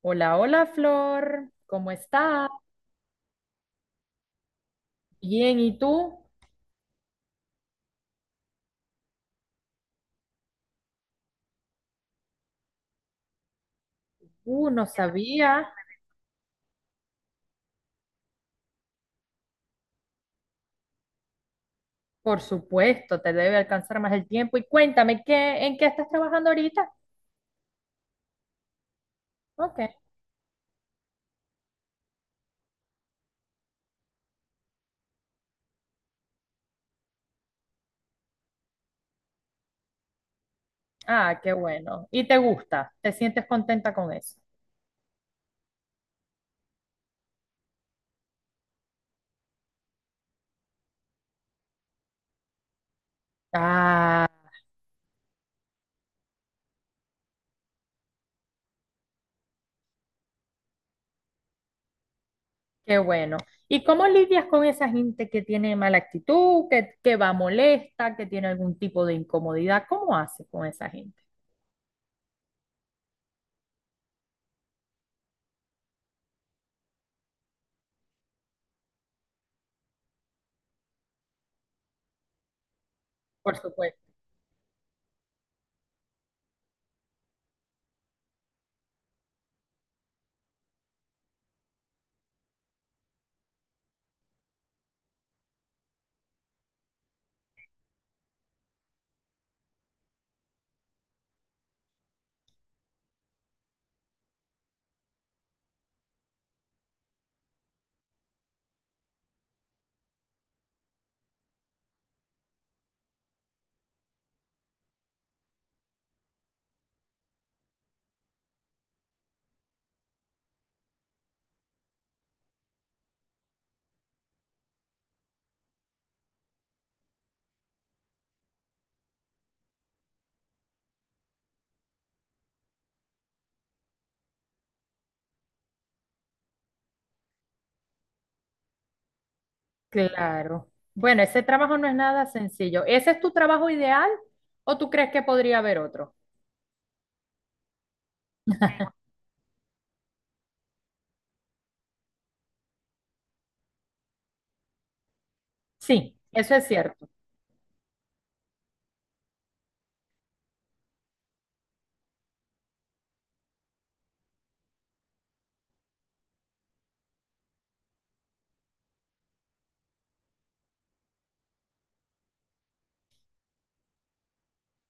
Hola, hola Flor, ¿cómo estás? Bien, ¿y tú? No sabía. Por supuesto, te debe alcanzar más el tiempo. Y cuéntame, ¿ en qué estás trabajando ahorita? Ok. Ah, qué bueno. ¿Y te gusta? ¿Te sientes contenta con eso? Ah, qué bueno. ¿Y cómo lidias con esa gente que tiene mala actitud, que va molesta, que tiene algún tipo de incomodidad? ¿Cómo haces con esa gente? Por supuesto. Claro. Bueno, ese trabajo no es nada sencillo. ¿Ese es tu trabajo ideal o tú crees que podría haber otro? Sí, eso es cierto.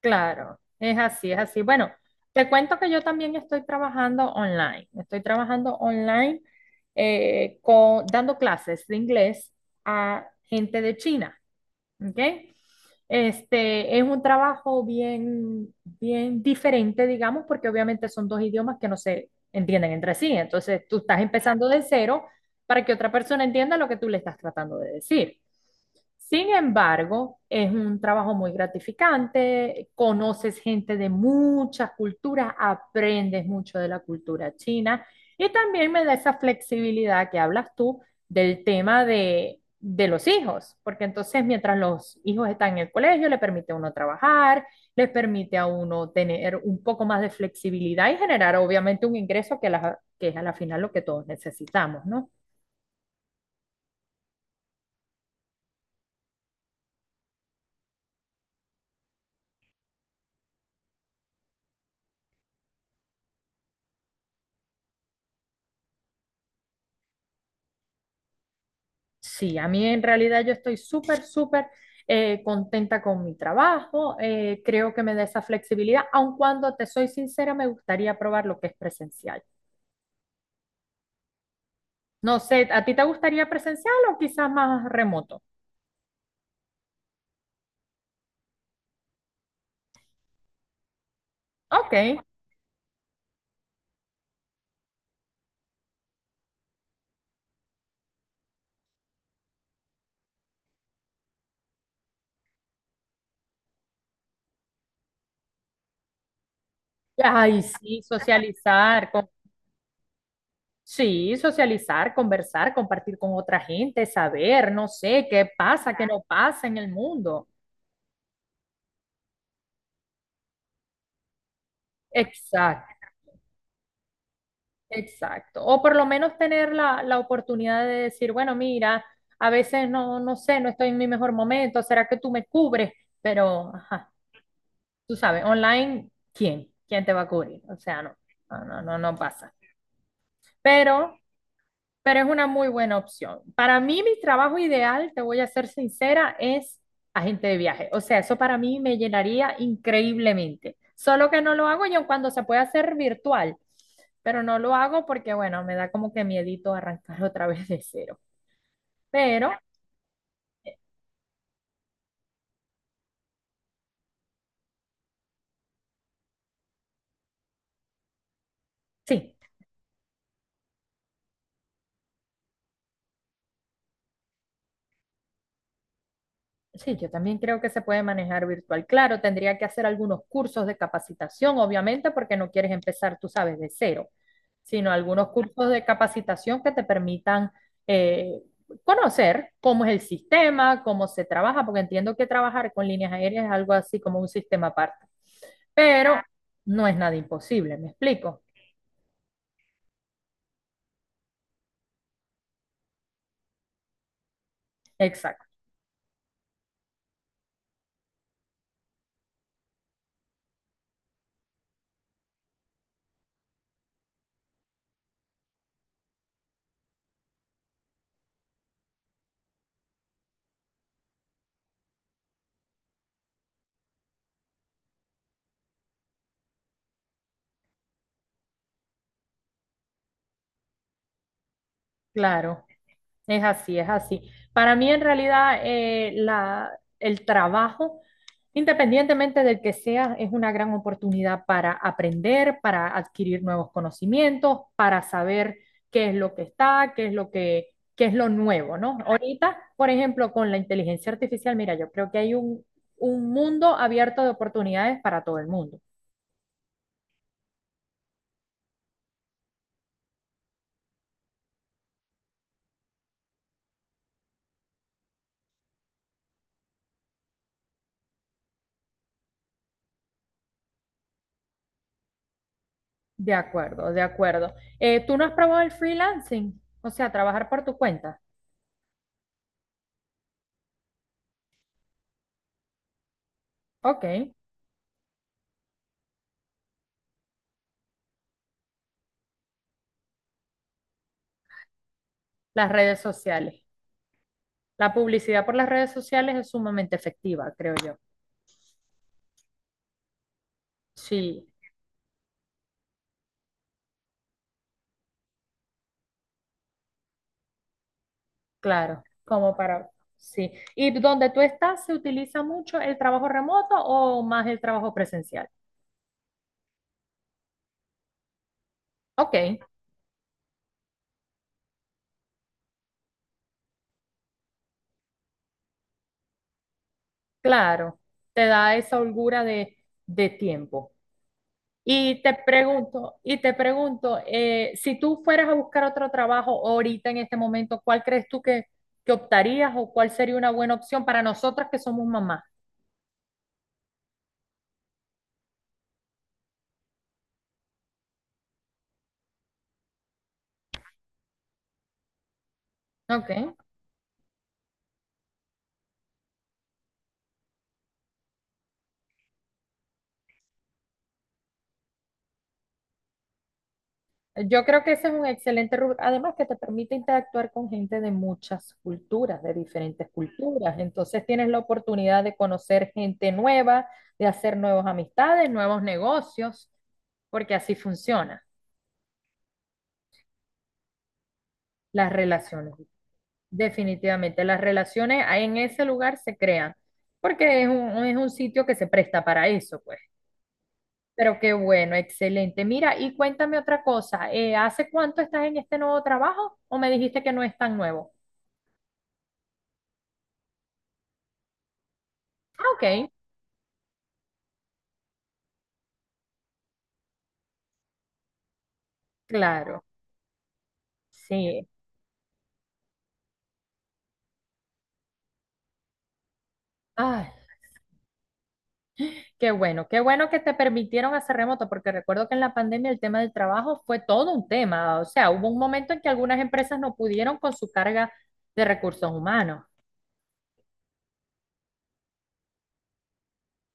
Claro, es así, es así. Bueno, te cuento que yo también estoy trabajando online. Estoy trabajando online dando clases de inglés a gente de China. ¿Ok? Este, es un trabajo bien, bien diferente, digamos, porque obviamente son dos idiomas que no se entienden entre sí. Entonces, tú estás empezando de cero para que otra persona entienda lo que tú le estás tratando de decir. Sin embargo, es un trabajo muy gratificante, conoces gente de muchas culturas, aprendes mucho de la cultura china y también me da esa flexibilidad que hablas tú del tema de los hijos, porque entonces mientras los hijos están en el colegio, le permite a uno trabajar, les permite a uno tener un poco más de flexibilidad y generar obviamente un ingreso que es a la final lo que todos necesitamos, ¿no? Sí, a mí en realidad yo estoy súper, súper contenta con mi trabajo, creo que me da esa flexibilidad, aun cuando te soy sincera, me gustaría probar lo que es presencial. No sé, ¿a ti te gustaría presencial o quizás más remoto? Ok. Ay, sí, socializar, con, sí, socializar, conversar, compartir con otra gente, saber, no sé, qué pasa, qué no pasa en el mundo. Exacto, exacto. O por lo menos tener la oportunidad de decir, bueno, mira, a veces no, no sé, no estoy en mi mejor momento, ¿será que tú me cubres? Pero, ajá, tú sabes, online, ¿quién? ¿Quién te va a cubrir? O sea, no, no, no, no pasa. Pero Pero es una muy buena opción. Para mí, mi trabajo ideal, te voy a ser sincera, es agente de viaje. O sea, eso para mí me llenaría increíblemente. Solo que no lo hago yo cuando se puede hacer virtual, pero no lo hago porque, bueno, me da como que miedito arrancar otra vez de cero. Pero sí. Sí, yo también creo que se puede manejar virtual. Claro, tendría que hacer algunos cursos de capacitación, obviamente, porque no quieres empezar, tú sabes, de cero, sino algunos cursos de capacitación que te permitan eh, conocer cómo es el sistema, cómo se trabaja, porque entiendo que trabajar con líneas aéreas es algo así como un sistema aparte, pero no es nada imposible, ¿me explico? Exacto, claro. Es así, es así. Para mí, en realidad, el trabajo, independientemente del que sea, es una gran oportunidad para aprender, para adquirir nuevos conocimientos, para saber qué es lo que está, qué es lo que, qué es lo nuevo, ¿no? Ahorita, por ejemplo, con la inteligencia artificial, mira, yo creo que hay un mundo abierto de oportunidades para todo el mundo. De acuerdo, de acuerdo. ¿Tú no has probado el freelancing? O sea, trabajar por tu cuenta. Ok, las redes sociales. La publicidad por las redes sociales es sumamente efectiva, creo yo. Sí, claro, como para, sí. ¿Y donde tú estás se utiliza mucho el trabajo remoto o más el trabajo presencial? Ok, claro, te da esa holgura de tiempo. Y te pregunto, si tú fueras a buscar otro trabajo ahorita en este momento, ¿cuál crees tú que optarías o cuál sería una buena opción para nosotras que somos mamás? Ok. Yo creo que ese es un excelente rubro, además que te permite interactuar con gente de muchas culturas, de diferentes culturas. Entonces tienes la oportunidad de conocer gente nueva, de hacer nuevas amistades, nuevos negocios, porque así funcionan las relaciones. Definitivamente, las relaciones ahí en ese lugar se crean, porque es es un sitio que se presta para eso, pues. Pero qué bueno, excelente. Mira, y cuéntame otra cosa, ¿hace cuánto estás en este nuevo trabajo o me dijiste que no es tan nuevo? Ah, ok. Claro, sí. Ay, qué bueno que te permitieron hacer remoto, porque recuerdo que en la pandemia el tema del trabajo fue todo un tema. O sea, hubo un momento en que algunas empresas no pudieron con su carga de recursos humanos.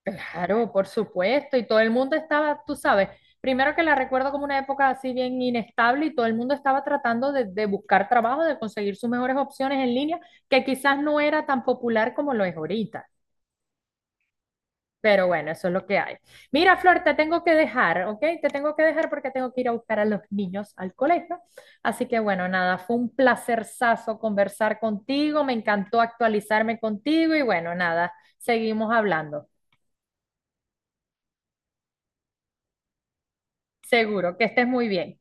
Claro, por supuesto, y todo el mundo estaba, tú sabes, primero que la recuerdo como una época así bien inestable y todo el mundo estaba tratando de buscar trabajo, de conseguir sus mejores opciones en línea, que quizás no era tan popular como lo es ahorita. Pero bueno, eso es lo que hay. Mira, Flor, te tengo que dejar, ¿ok? Te tengo que dejar porque tengo que ir a buscar a los niños al colegio. Así que bueno, nada, fue un placerzazo conversar contigo, me encantó actualizarme contigo y bueno, nada, seguimos hablando. Seguro que estés muy bien.